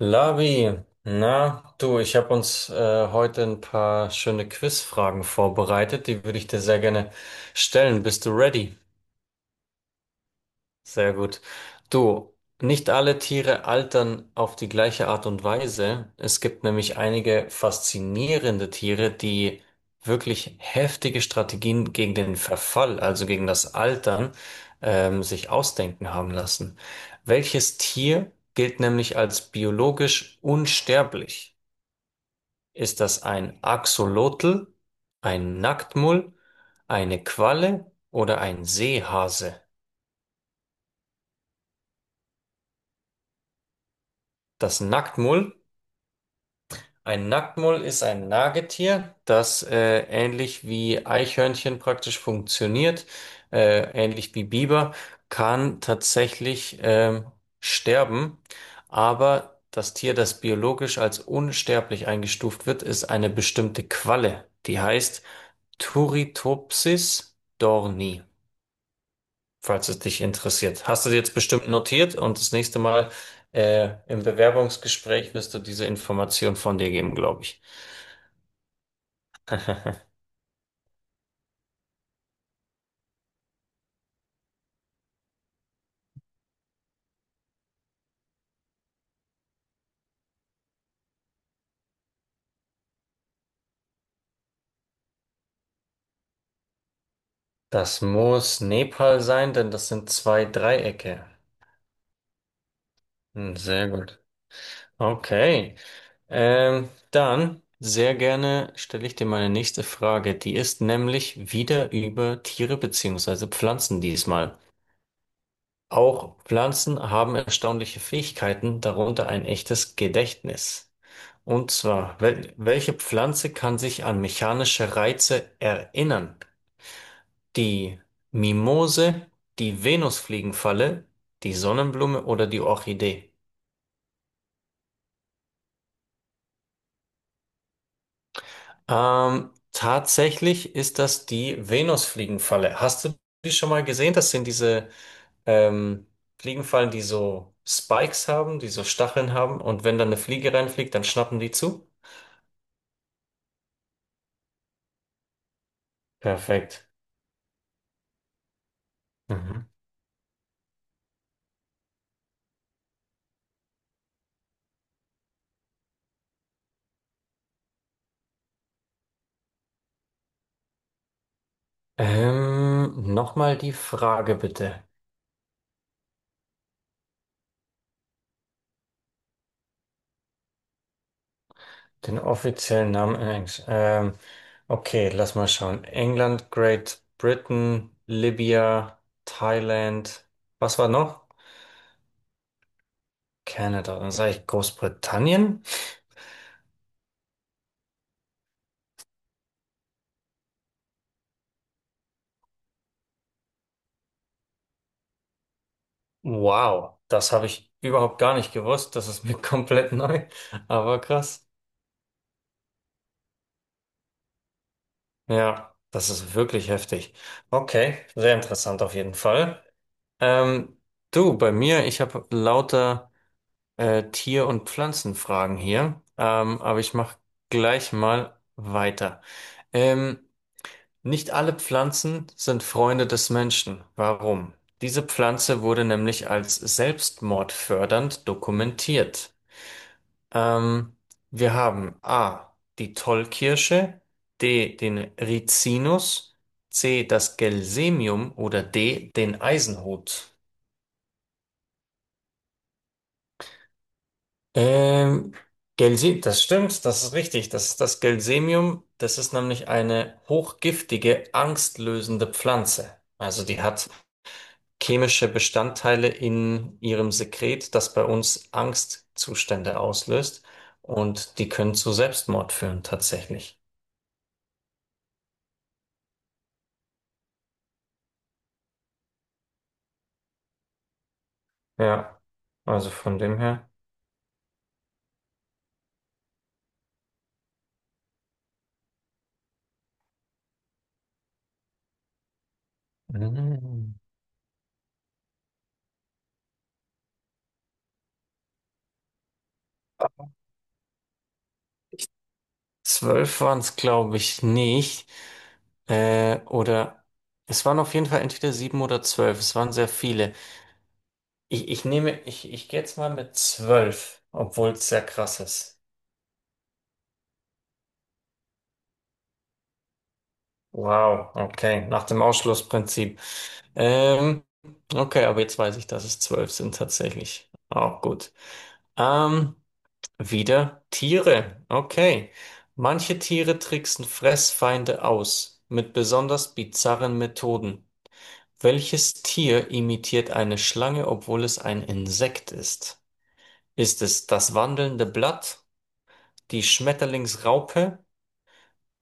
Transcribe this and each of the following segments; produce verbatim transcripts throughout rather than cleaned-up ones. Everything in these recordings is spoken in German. Lavi, na du, ich habe uns äh, heute ein paar schöne Quizfragen vorbereitet, die würde ich dir sehr gerne stellen. Bist du ready? Sehr gut. Du, nicht alle Tiere altern auf die gleiche Art und Weise. Es gibt nämlich einige faszinierende Tiere, die wirklich heftige Strategien gegen den Verfall, also gegen das Altern, ähm, sich ausdenken haben lassen. Welches Tier gilt nämlich als biologisch unsterblich? Ist das ein Axolotl, ein Nacktmull, eine Qualle oder ein Seehase? Das Nacktmull. Ein Nacktmull ist ein Nagetier, das äh, ähnlich wie Eichhörnchen praktisch funktioniert, äh, ähnlich wie Biber, kann tatsächlich ähm, sterben. Aber das Tier, das biologisch als unsterblich eingestuft wird, ist eine bestimmte Qualle. Die heißt Turritopsis dorni, falls es dich interessiert. Hast du jetzt bestimmt notiert und das nächste Mal äh, im Bewerbungsgespräch wirst du diese Information von dir geben, glaube ich. Das muss Nepal sein, denn das sind zwei Dreiecke. Hm, sehr gut. Okay. Ähm, dann sehr gerne stelle ich dir meine nächste Frage. Die ist nämlich wieder über Tiere beziehungsweise Pflanzen diesmal. Auch Pflanzen haben erstaunliche Fähigkeiten, darunter ein echtes Gedächtnis. Und zwar, wel welche Pflanze kann sich an mechanische Reize erinnern? Die Mimose, die Venusfliegenfalle, die Sonnenblume oder die Orchidee? Ähm, tatsächlich ist das die Venusfliegenfalle. Hast du die schon mal gesehen? Das sind diese ähm, Fliegenfallen, die so Spikes haben, die so Stacheln haben. Und wenn dann eine Fliege reinfliegt, dann schnappen die zu. Perfekt. Mhm. Ähm, nochmal die Frage bitte. Den offiziellen Namen in Englisch. Ähm, okay, lass mal schauen. England, Great Britain, Libya, Thailand. Was war noch? Kanada. Dann sage ich Großbritannien. Wow, das habe ich überhaupt gar nicht gewusst. Das ist mir komplett neu. Aber krass. Ja, das ist wirklich heftig. Okay, sehr interessant auf jeden Fall. Ähm, Du, bei mir, ich habe lauter äh, Tier- und Pflanzenfragen hier, ähm, aber ich mache gleich mal weiter. Ähm, Nicht alle Pflanzen sind Freunde des Menschen. Warum? Diese Pflanze wurde nämlich als selbstmordfördernd dokumentiert. Ähm, Wir haben A, die Tollkirsche, D, den Rizinus, C, das Gelsemium oder D, den Eisenhut. Ähm, Gelse, das stimmt, das ist richtig. Das ist das Gelsemium. Das ist nämlich eine hochgiftige, angstlösende Pflanze. Also die hat chemische Bestandteile in ihrem Sekret, das bei uns Angstzustände auslöst. Und die können zu Selbstmord führen, tatsächlich. Ja, also von dem her. Mhm. Zwölf waren es, glaube ich, nicht. Äh, oder es waren auf jeden Fall entweder sieben oder zwölf. Es waren sehr viele. Ich, ich nehme, ich, ich gehe jetzt mal mit zwölf, obwohl es sehr krass ist. Wow, okay, nach dem Ausschlussprinzip. Ähm, okay, aber jetzt weiß ich, dass es zwölf sind tatsächlich. Auch gut. Ähm, Wieder Tiere. Okay. Manche Tiere tricksen Fressfeinde aus mit besonders bizarren Methoden. Welches Tier imitiert eine Schlange, obwohl es ein Insekt ist? Ist es das wandelnde Blatt, die Schmetterlingsraupe?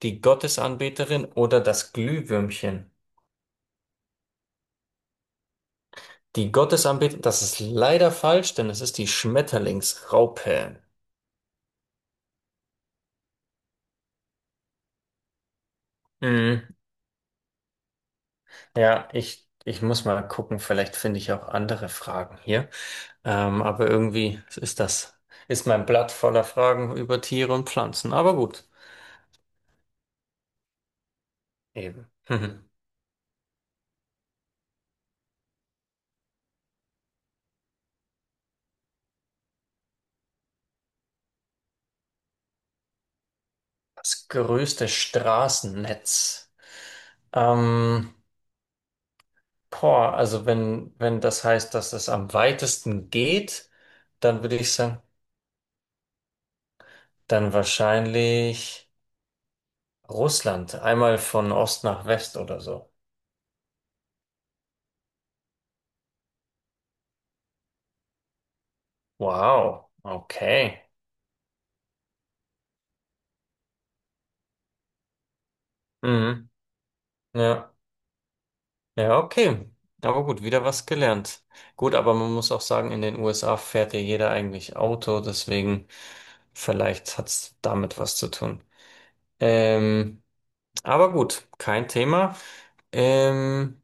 Die Gottesanbeterin oder das Glühwürmchen. Die Gottesanbeterin, das ist leider falsch, denn es ist die Schmetterlingsraupe. Mhm. Ja, ich, ich muss mal gucken, vielleicht finde ich auch andere Fragen hier. Ähm, aber irgendwie ist das, ist mein Blatt voller Fragen über Tiere und Pflanzen. Aber gut, eben. Mhm. Das größte Straßennetz. Ähm, Boah, also wenn, wenn das heißt, dass es am weitesten geht, dann würde ich sagen, dann wahrscheinlich Russland, einmal von Ost nach West oder so. Wow, okay. Mhm. Ja, ja, okay. Aber gut, wieder was gelernt. Gut, aber man muss auch sagen, in den U S A fährt ja jeder eigentlich Auto, deswegen vielleicht hat's damit was zu tun. Ähm, Aber gut, kein Thema. Ähm,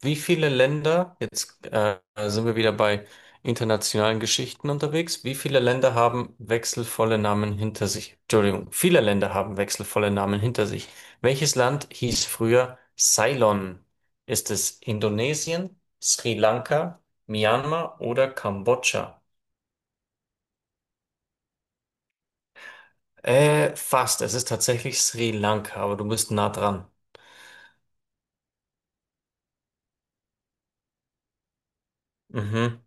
Wie viele Länder, jetzt äh, sind wir wieder bei internationalen Geschichten unterwegs, wie viele Länder haben wechselvolle Namen hinter sich? Entschuldigung, viele Länder haben wechselvolle Namen hinter sich. Welches Land hieß früher Ceylon? Ist es Indonesien, Sri Lanka, Myanmar oder Kambodscha? Äh, fast. Es ist tatsächlich Sri Lanka, aber du bist nah dran. Mhm.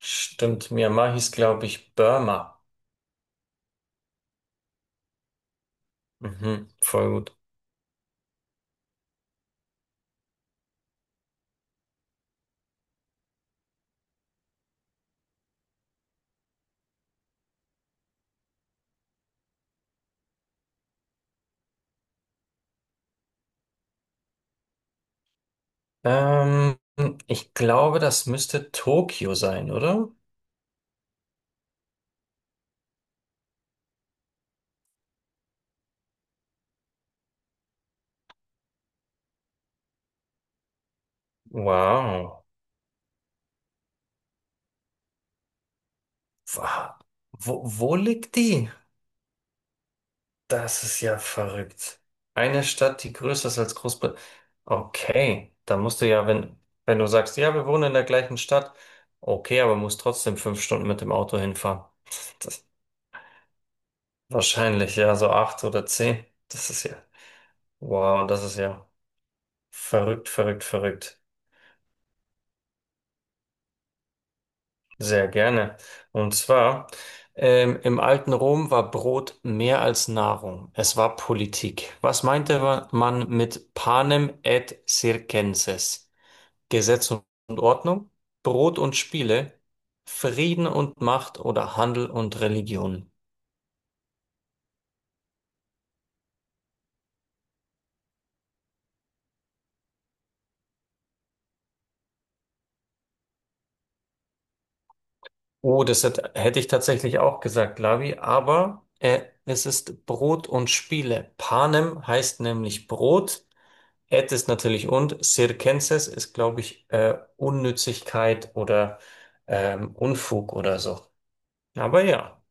Stimmt, Myanmar hieß, glaube ich, Burma. Mhm, voll gut. Ähm, Ich glaube, das müsste Tokio sein, oder? Wow. Wa- Wo, wo liegt die? Das ist ja verrückt. Eine Stadt, die größer ist als Großbritannien. Okay, da musst du ja, wenn, wenn du sagst, ja, wir wohnen in der gleichen Stadt, okay, aber musst trotzdem fünf Stunden mit dem Auto hinfahren. Das, wahrscheinlich, ja, so acht oder zehn. Das ist ja, wow, das ist ja. Verrückt, verrückt, verrückt. Sehr gerne. Und zwar, ähm, im alten Rom war Brot mehr als Nahrung. Es war Politik. Was meinte wa- man mit panem et circenses? Gesetz und Ordnung, Brot und Spiele, Frieden und Macht oder Handel und Religion. Oh, das hat, hätte ich tatsächlich auch gesagt, Lavi, aber äh, es ist Brot und Spiele. Panem heißt nämlich Brot. At ist natürlich und, Circenses ist, glaube ich, äh, Unnützigkeit oder ähm, Unfug oder so. Aber ja.